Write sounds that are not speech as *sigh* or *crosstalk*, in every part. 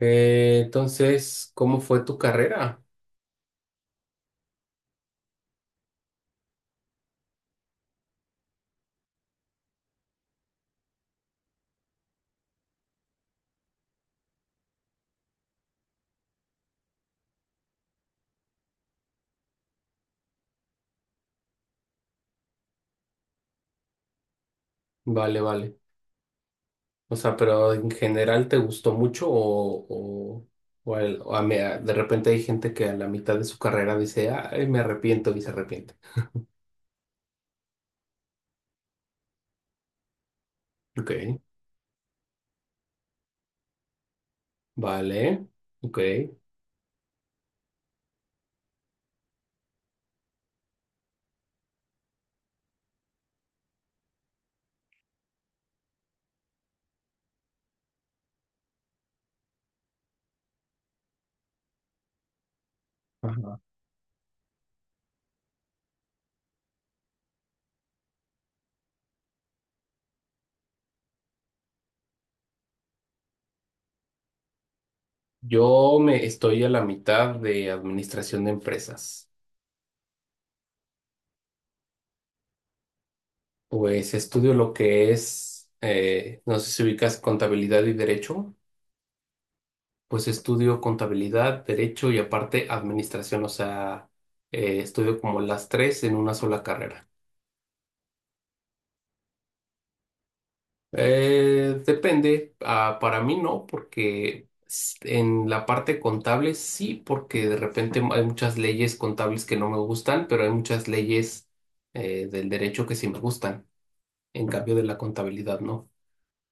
Entonces, ¿cómo fue tu carrera? Vale, vale. O sea, pero en general te gustó mucho o de repente hay gente que a la mitad de su carrera dice, ay, me arrepiento y se arrepiente. Ok, vale, ok. Ajá. Yo me estoy a la mitad de administración de empresas. Pues estudio lo que es, no sé si ubicas contabilidad y derecho. Pues estudio contabilidad, derecho y aparte administración, o sea, estudio como las tres en una sola carrera. Depende, ah, para mí no, porque en la parte contable sí, porque de repente hay muchas leyes contables que no me gustan, pero hay muchas leyes del derecho que sí me gustan, en cambio de la contabilidad no.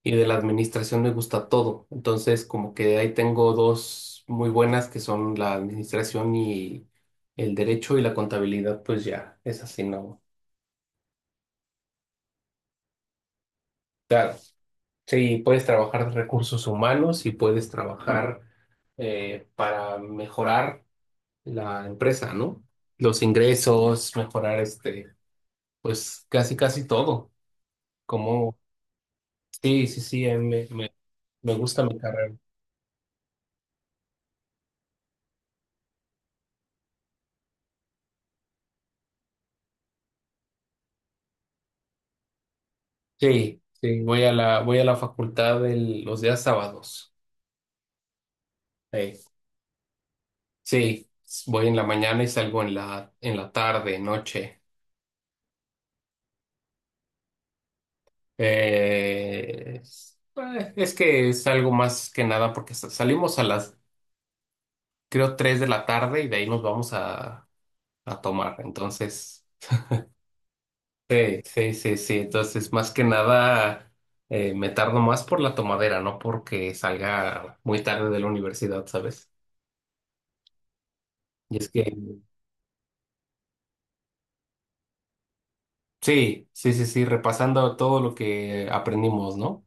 Y de la administración me gusta todo. Entonces, como que ahí tengo dos muy buenas que son la administración y el derecho y la contabilidad, pues ya, es así, ¿no? Claro, sí, puedes trabajar recursos humanos y puedes trabajar para mejorar la empresa, ¿no? Los ingresos, mejorar este, pues casi, casi todo. Como, sí, sí, sí, a mí me, me, me gusta mi carrera. Sí, sí, voy a la facultad los días sábados. Eh, sí, voy en la mañana y salgo en la tarde, noche. Es que salgo más que nada porque salimos a las, creo, 3 de la tarde y de ahí nos vamos a tomar. Entonces, sí, sí, sí, sí. Entonces, más que nada, me tardo más por la tomadera, no porque salga muy tarde de la universidad, ¿sabes? Y es que, sí, sí, sí, sí, repasando todo lo que aprendimos, ¿no?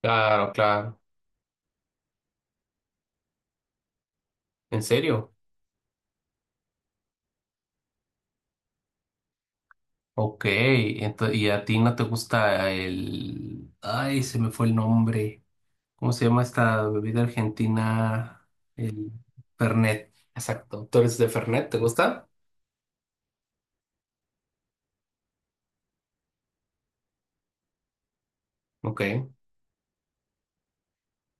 Claro, claro. ¿En serio? Ok, entonces y a ti no te gusta el... Ay, se me fue el nombre. ¿Cómo se llama esta bebida argentina? El Fernet. Exacto. ¿Tú eres de Fernet? ¿Te gusta? Ok.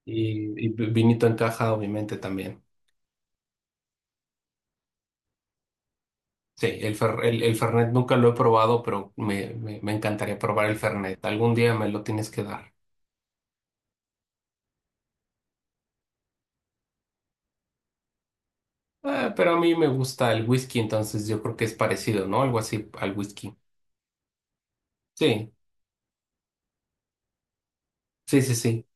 Y, vinito en caja, obviamente, también. Sí, el Fernet nunca lo he probado, pero me encantaría probar el Fernet. Algún día me lo tienes que dar. Pero a mí me gusta el whisky, entonces yo creo que es parecido, ¿no? Algo así al whisky. Sí, sí, sí, sí.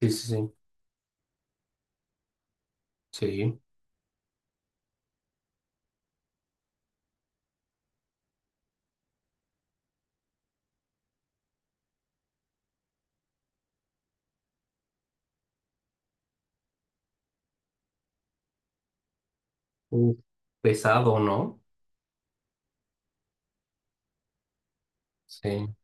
Sí, sí, sí. Sí. Uh, pesado, ¿no? Sí.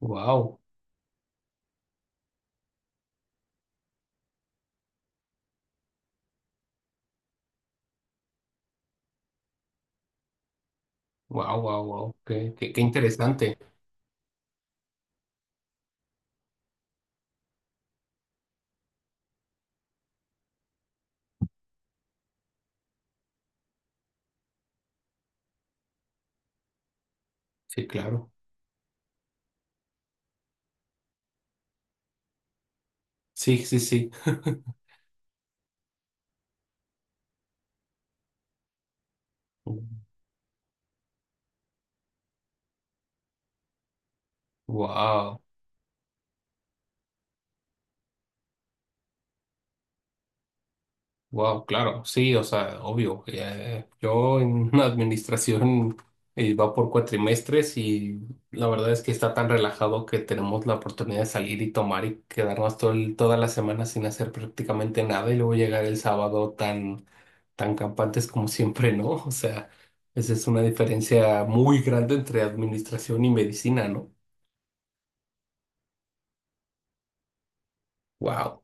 Wow, wow, wow, wow. Qué interesante. Sí, claro. Sí, sí, sí. *laughs* Wow, wow, claro. Sí, o sea, obvio. Yo en una administración va por cuatrimestres y la verdad es que está tan relajado que tenemos la oportunidad de salir y tomar y quedarnos toda la semana sin hacer prácticamente nada y luego llegar el sábado tan campantes como siempre, ¿no? O sea, esa es una diferencia muy grande entre administración y medicina, ¿no? Wow,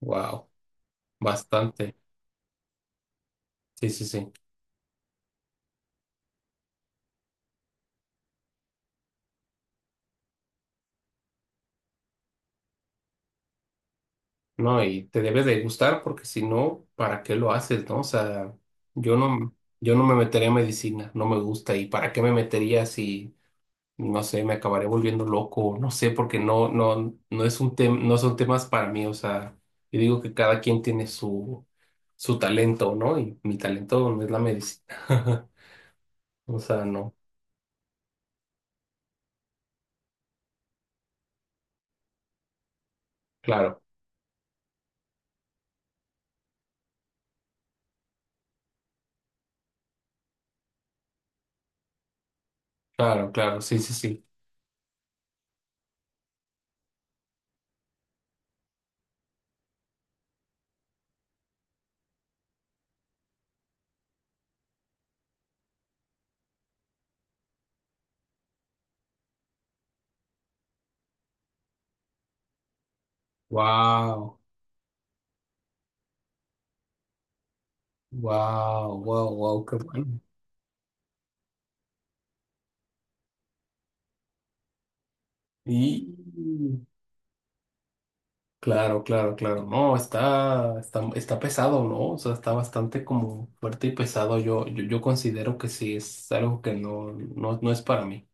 wow, bastante. Sí, sí, sí. No, y te debe de gustar porque si no, ¿para qué lo haces, no? O sea, yo no, yo no me metería en medicina, no me gusta. ¿Y para qué me metería si no sé, me acabaré volviendo loco, no sé, porque no, no, no es un tema, no son temas para mí, o sea, yo digo que cada quien tiene su, su talento, ¿no? Y mi talento no es la medicina. *laughs* O sea, no, claro, claro, claro, sí, sí, sí. Wow, wow, wow, wow, qué bueno. Y claro, claro, claro, no, está, está, está pesado, ¿no? O sea, está bastante como fuerte y pesado. Yo considero que sí, es algo que no, no, no es para mí.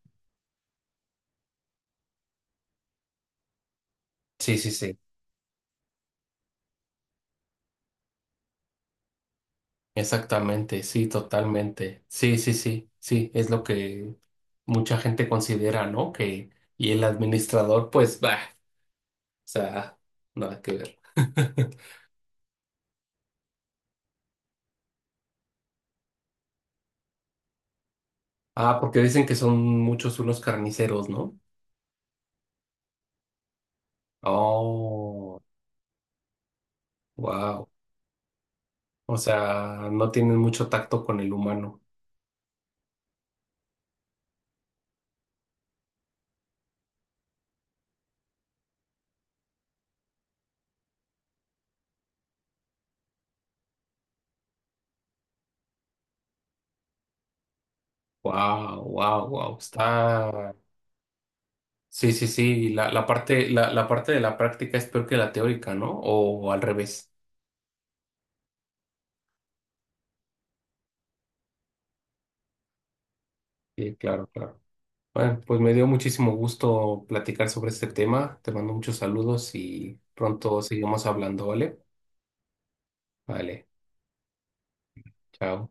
Sí, sí, sí, exactamente, sí, totalmente. Sí, sí, sí, sí, es lo que mucha gente considera, ¿no? Que, y el administrador, pues, bah, o sea, nada que ver. *laughs* Ah, porque dicen que son muchos unos carniceros, ¿no? Oh, wow. O sea, no tienen mucho tacto con el humano. Wow, wow, wow. Está. Sí, sí, sí. La, la parte de la práctica es peor que la teórica, ¿no? O, al revés. Sí, claro, claro. Bueno, pues me dio muchísimo gusto platicar sobre este tema. Te mando muchos saludos y pronto seguimos hablando, ¿vale? Vale, chao.